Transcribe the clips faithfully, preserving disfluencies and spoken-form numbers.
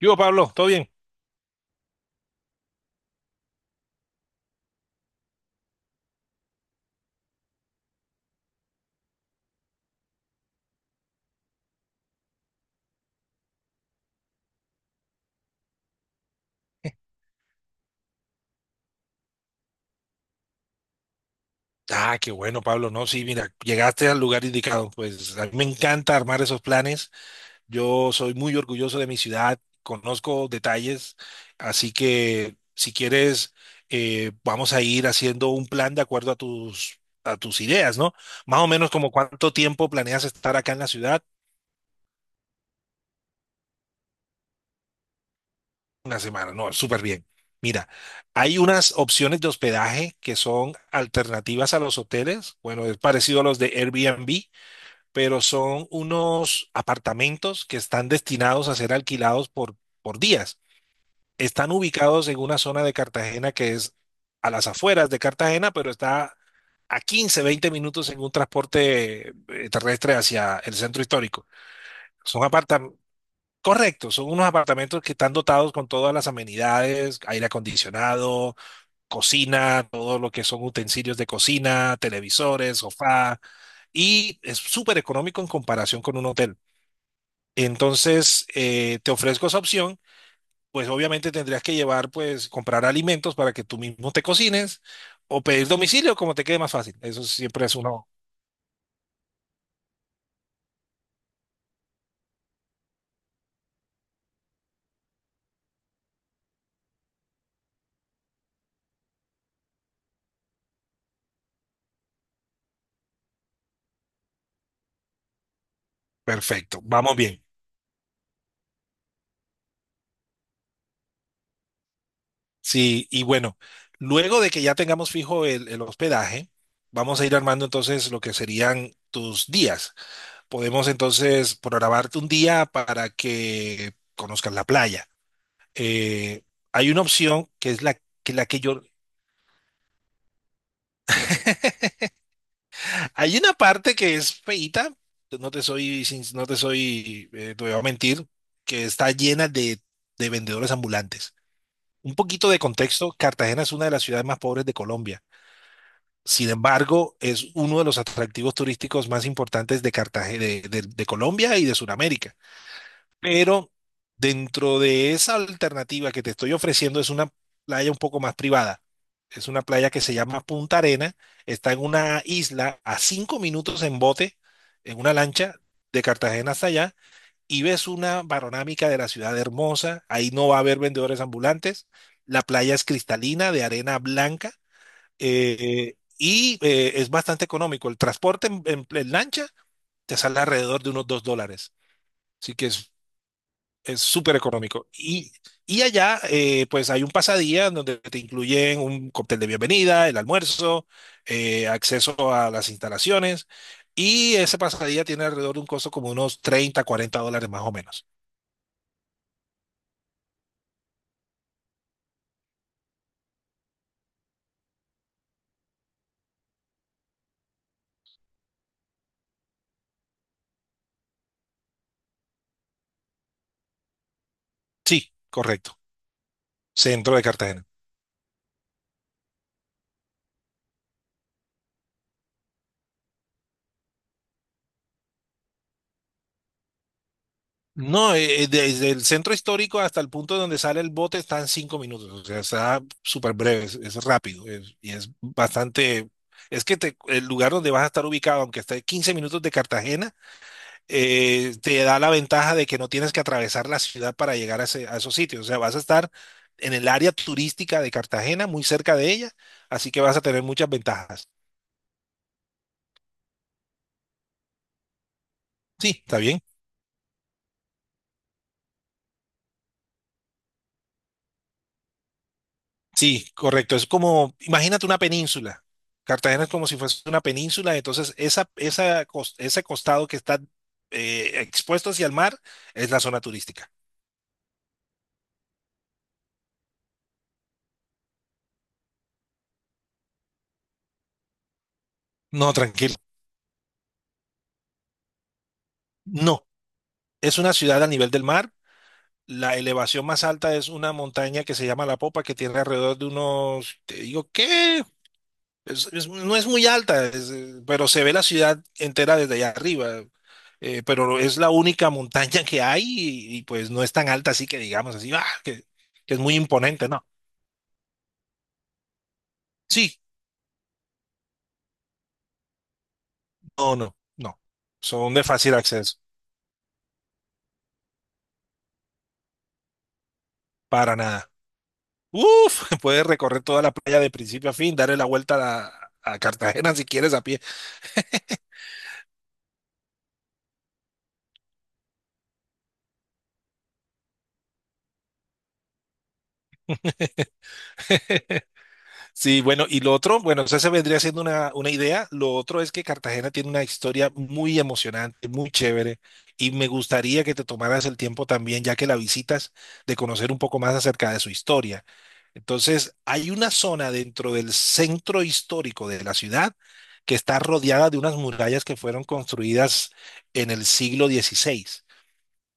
Yo, Pablo, ¿todo bien? Ah, qué bueno, Pablo. No, sí, mira, llegaste al lugar indicado. Pues a mí me encanta armar esos planes. Yo soy muy orgulloso de mi ciudad, conozco detalles, así que si quieres, eh, vamos a ir haciendo un plan de acuerdo a tus, a tus ideas, ¿no? Más o menos, ¿como cuánto tiempo planeas estar acá en la ciudad? Una semana, no, súper bien. Mira, hay unas opciones de hospedaje que son alternativas a los hoteles. Bueno, es parecido a los de Airbnb, pero son unos apartamentos que están destinados a ser alquilados por, por días. Están ubicados en una zona de Cartagena que es a las afueras de Cartagena, pero está a quince, veinte minutos en un transporte eh, terrestre hacia el centro histórico. Son apartamentos, correcto, son unos apartamentos que están dotados con todas las amenidades: aire acondicionado, cocina, todo lo que son utensilios de cocina, televisores, sofá, y es súper económico en comparación con un hotel. Entonces, eh, te ofrezco esa opción, pues obviamente tendrías que llevar, pues comprar alimentos para que tú mismo te cocines o pedir domicilio, como te quede más fácil. Eso siempre es uno. Perfecto, vamos bien. Sí, y bueno, luego de que ya tengamos fijo el, el hospedaje, vamos a ir armando entonces lo que serían tus días. Podemos entonces programarte un día para que conozcas la playa. Eh, hay una opción que es la que, la que yo... Hay una parte que es feíta, no te soy, sin- no te soy, eh, te voy a mentir, que está llena de, de vendedores ambulantes. Un poquito de contexto: Cartagena es una de las ciudades más pobres de Colombia. Sin embargo, es uno de los atractivos turísticos más importantes de Cartagena, de, de- de Colombia y de Sudamérica. Pero dentro de esa alternativa que te estoy ofreciendo, es una playa un poco más privada. Es una playa que se llama Punta Arena. Está en una isla a cinco minutos en bote, en una lancha, de Cartagena hasta allá, y ves una panorámica de la ciudad hermosa. Ahí no va a haber vendedores ambulantes. La playa es cristalina, de arena blanca, eh, y eh, es bastante económico. El transporte en, en- en lancha te sale alrededor de unos dos dólares. Así que es es súper económico. Y, y allá, eh, pues hay un pasadía donde te incluyen un cóctel de bienvenida, el almuerzo, eh, acceso a las instalaciones. Y ese pasadía tiene alrededor de un costo como unos treinta, cuarenta dólares, más o menos. Sí, correcto. Centro de Cartagena. No, eh, eh, desde el centro histórico hasta el punto donde sale el bote está en cinco minutos. O sea, está súper breve, es, es rápido es- y es bastante. Es que te- el lugar donde vas a estar ubicado, aunque esté quince minutos de Cartagena, eh, te da la ventaja de que no tienes que atravesar la ciudad para llegar a, ese- a esos sitios. O sea, vas a estar en el área turística de Cartagena, muy cerca de ella, así que vas a tener muchas ventajas. Sí, está bien. Sí, correcto. Es como, imagínate una península. Cartagena es como si fuese una península, entonces esa, esa, cos- ese costado que está eh, expuesto hacia el mar es la zona turística. No, tranquilo. No, es una ciudad a nivel del mar. La elevación más alta es una montaña que se llama La Popa, que tiene alrededor de unos, te digo, ¿qué? Es- es- no es muy alta, es, eh, pero se ve la ciudad entera desde allá arriba. Eh, pero es la única montaña que hay, y, y, pues no es tan alta, así que digamos así, ¡ah!, que, que es muy imponente, ¿no? Sí, no, no, no. Son de fácil acceso, para nada. Uf, puedes recorrer toda la playa de principio a fin, darle la vuelta a, a Cartagena si quieres a pie. Sí, bueno, y lo otro, bueno, o se vendría siendo una, una, idea. Lo otro es que Cartagena tiene una historia muy emocionante, muy chévere, y me gustaría que te tomaras el tiempo también, ya que la visitas, de conocer un poco más acerca de su historia. Entonces, hay una zona dentro del centro histórico de la ciudad que está rodeada de unas murallas que fueron construidas en el siglo dieciséis.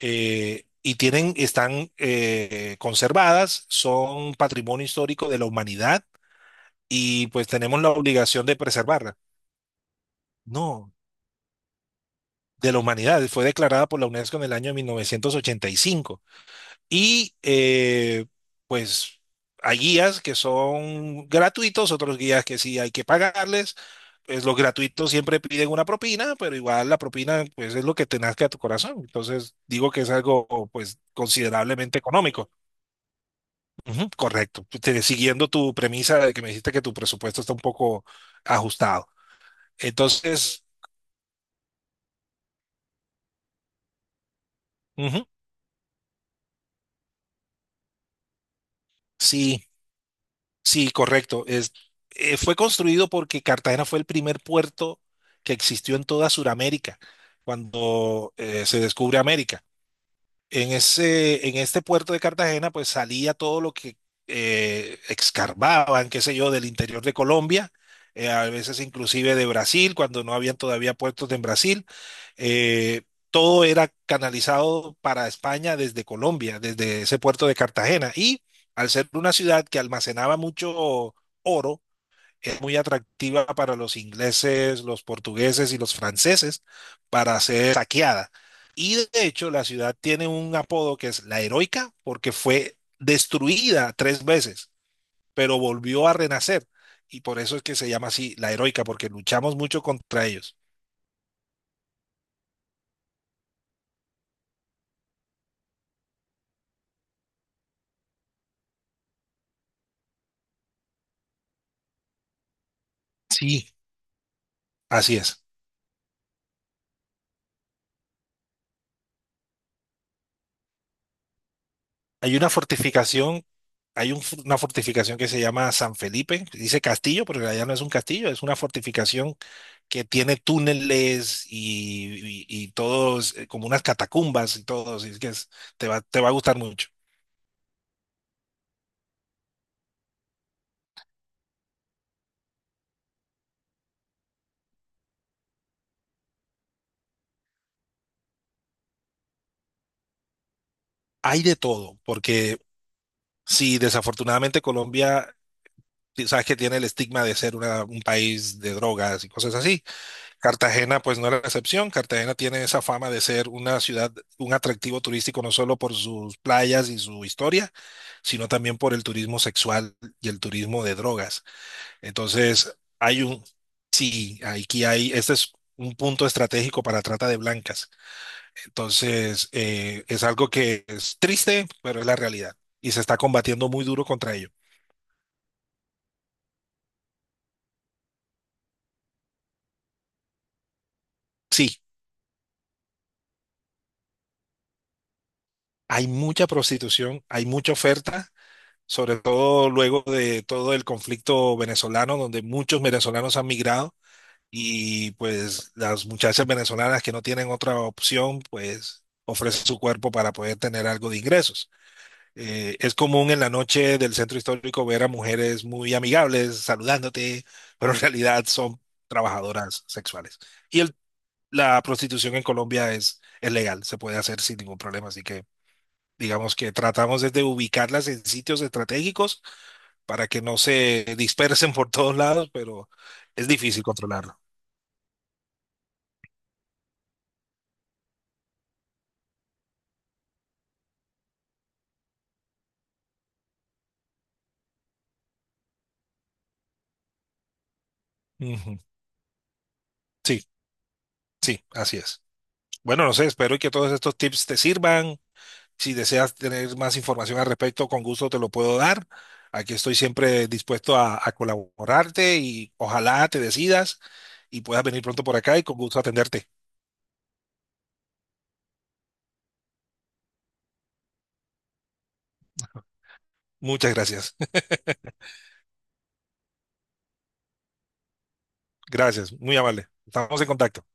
eh, Y tienen, están eh, conservadas, son patrimonio histórico de la humanidad, y pues tenemos la obligación de preservarla. No, de la humanidad. Fue declarada por la UNESCO en el año mil novecientos ochenta y cinco. Y cinco. Y eh, pues hay guías que son gratuitos, otros guías que sí hay que pagarles. Pues los gratuitos siempre piden una propina, pero igual la propina, pues, es lo que te nazca a tu corazón. Entonces digo que es algo, pues, considerablemente económico. Ujú, correcto. Pues, Te- siguiendo tu premisa de que me dijiste que tu presupuesto está un poco ajustado. Entonces, sí, sí, correcto. Es, eh, fue construido porque Cartagena fue el primer puerto que existió en toda Sudamérica cuando eh, se descubre América. En ese, en este puerto de Cartagena, pues salía todo lo que eh, excavaban, qué sé yo, del interior de Colombia, eh, a veces inclusive de Brasil, cuando no habían todavía puertos en Brasil. Eh, todo era canalizado para España desde Colombia, desde ese puerto de Cartagena. Y al ser una ciudad que almacenaba mucho oro, es muy atractiva para los ingleses, los portugueses y los franceses, para ser saqueada. Y de hecho, la ciudad tiene un apodo, que es la heroica, porque fue destruida tres veces, pero volvió a renacer. Y por eso es que se llama así, la heroica, porque luchamos mucho contra ellos. Sí, así es. Hay una fortificación, hay un- una fortificación que se llama San Felipe. Dice castillo, pero en realidad no es un castillo, es una fortificación que tiene túneles y, y- y todos, eh, como unas catacumbas y todo, así es que es... te va, te va a gustar mucho. Hay de todo, porque sí, desafortunadamente Colombia, ti- sabes que tiene el estigma de ser una- un país de drogas y cosas así. Cartagena, pues, no era la excepción. Cartagena tiene esa fama de ser una ciudad, un atractivo turístico, no solo por sus playas y su historia, sino también por el turismo sexual y el turismo de drogas. Entonces, hay un, sí, aquí hay, este es un punto estratégico para trata de blancas. Entonces, eh, es algo que es triste, pero es la realidad. Y se está combatiendo muy duro contra ello. Sí, hay mucha prostitución, hay mucha oferta, sobre todo luego de todo el conflicto venezolano, donde muchos venezolanos han migrado, y pues las muchachas venezolanas que no tienen otra opción, pues ofrecen su cuerpo para poder tener algo de ingresos. Eh, es común en la noche del centro histórico ver a mujeres muy amigables saludándote, pero en realidad son trabajadoras sexuales. Y el- la prostitución en Colombia es, es legal, se puede hacer sin ningún problema. Así que digamos que tratamos es de ubicarlas en sitios estratégicos para que no se dispersen por todos lados, pero es difícil controlarlo. Ujú. Sí, sí, así es. Bueno, no sé, espero que todos estos tips te sirvan. Si deseas tener más información al respecto, con gusto te lo puedo dar. Aquí estoy siempre dispuesto a, a colaborarte, y ojalá te decidas y puedas venir pronto por acá, y con gusto atenderte. Muchas gracias. Gracias, muy amable. Estamos en contacto.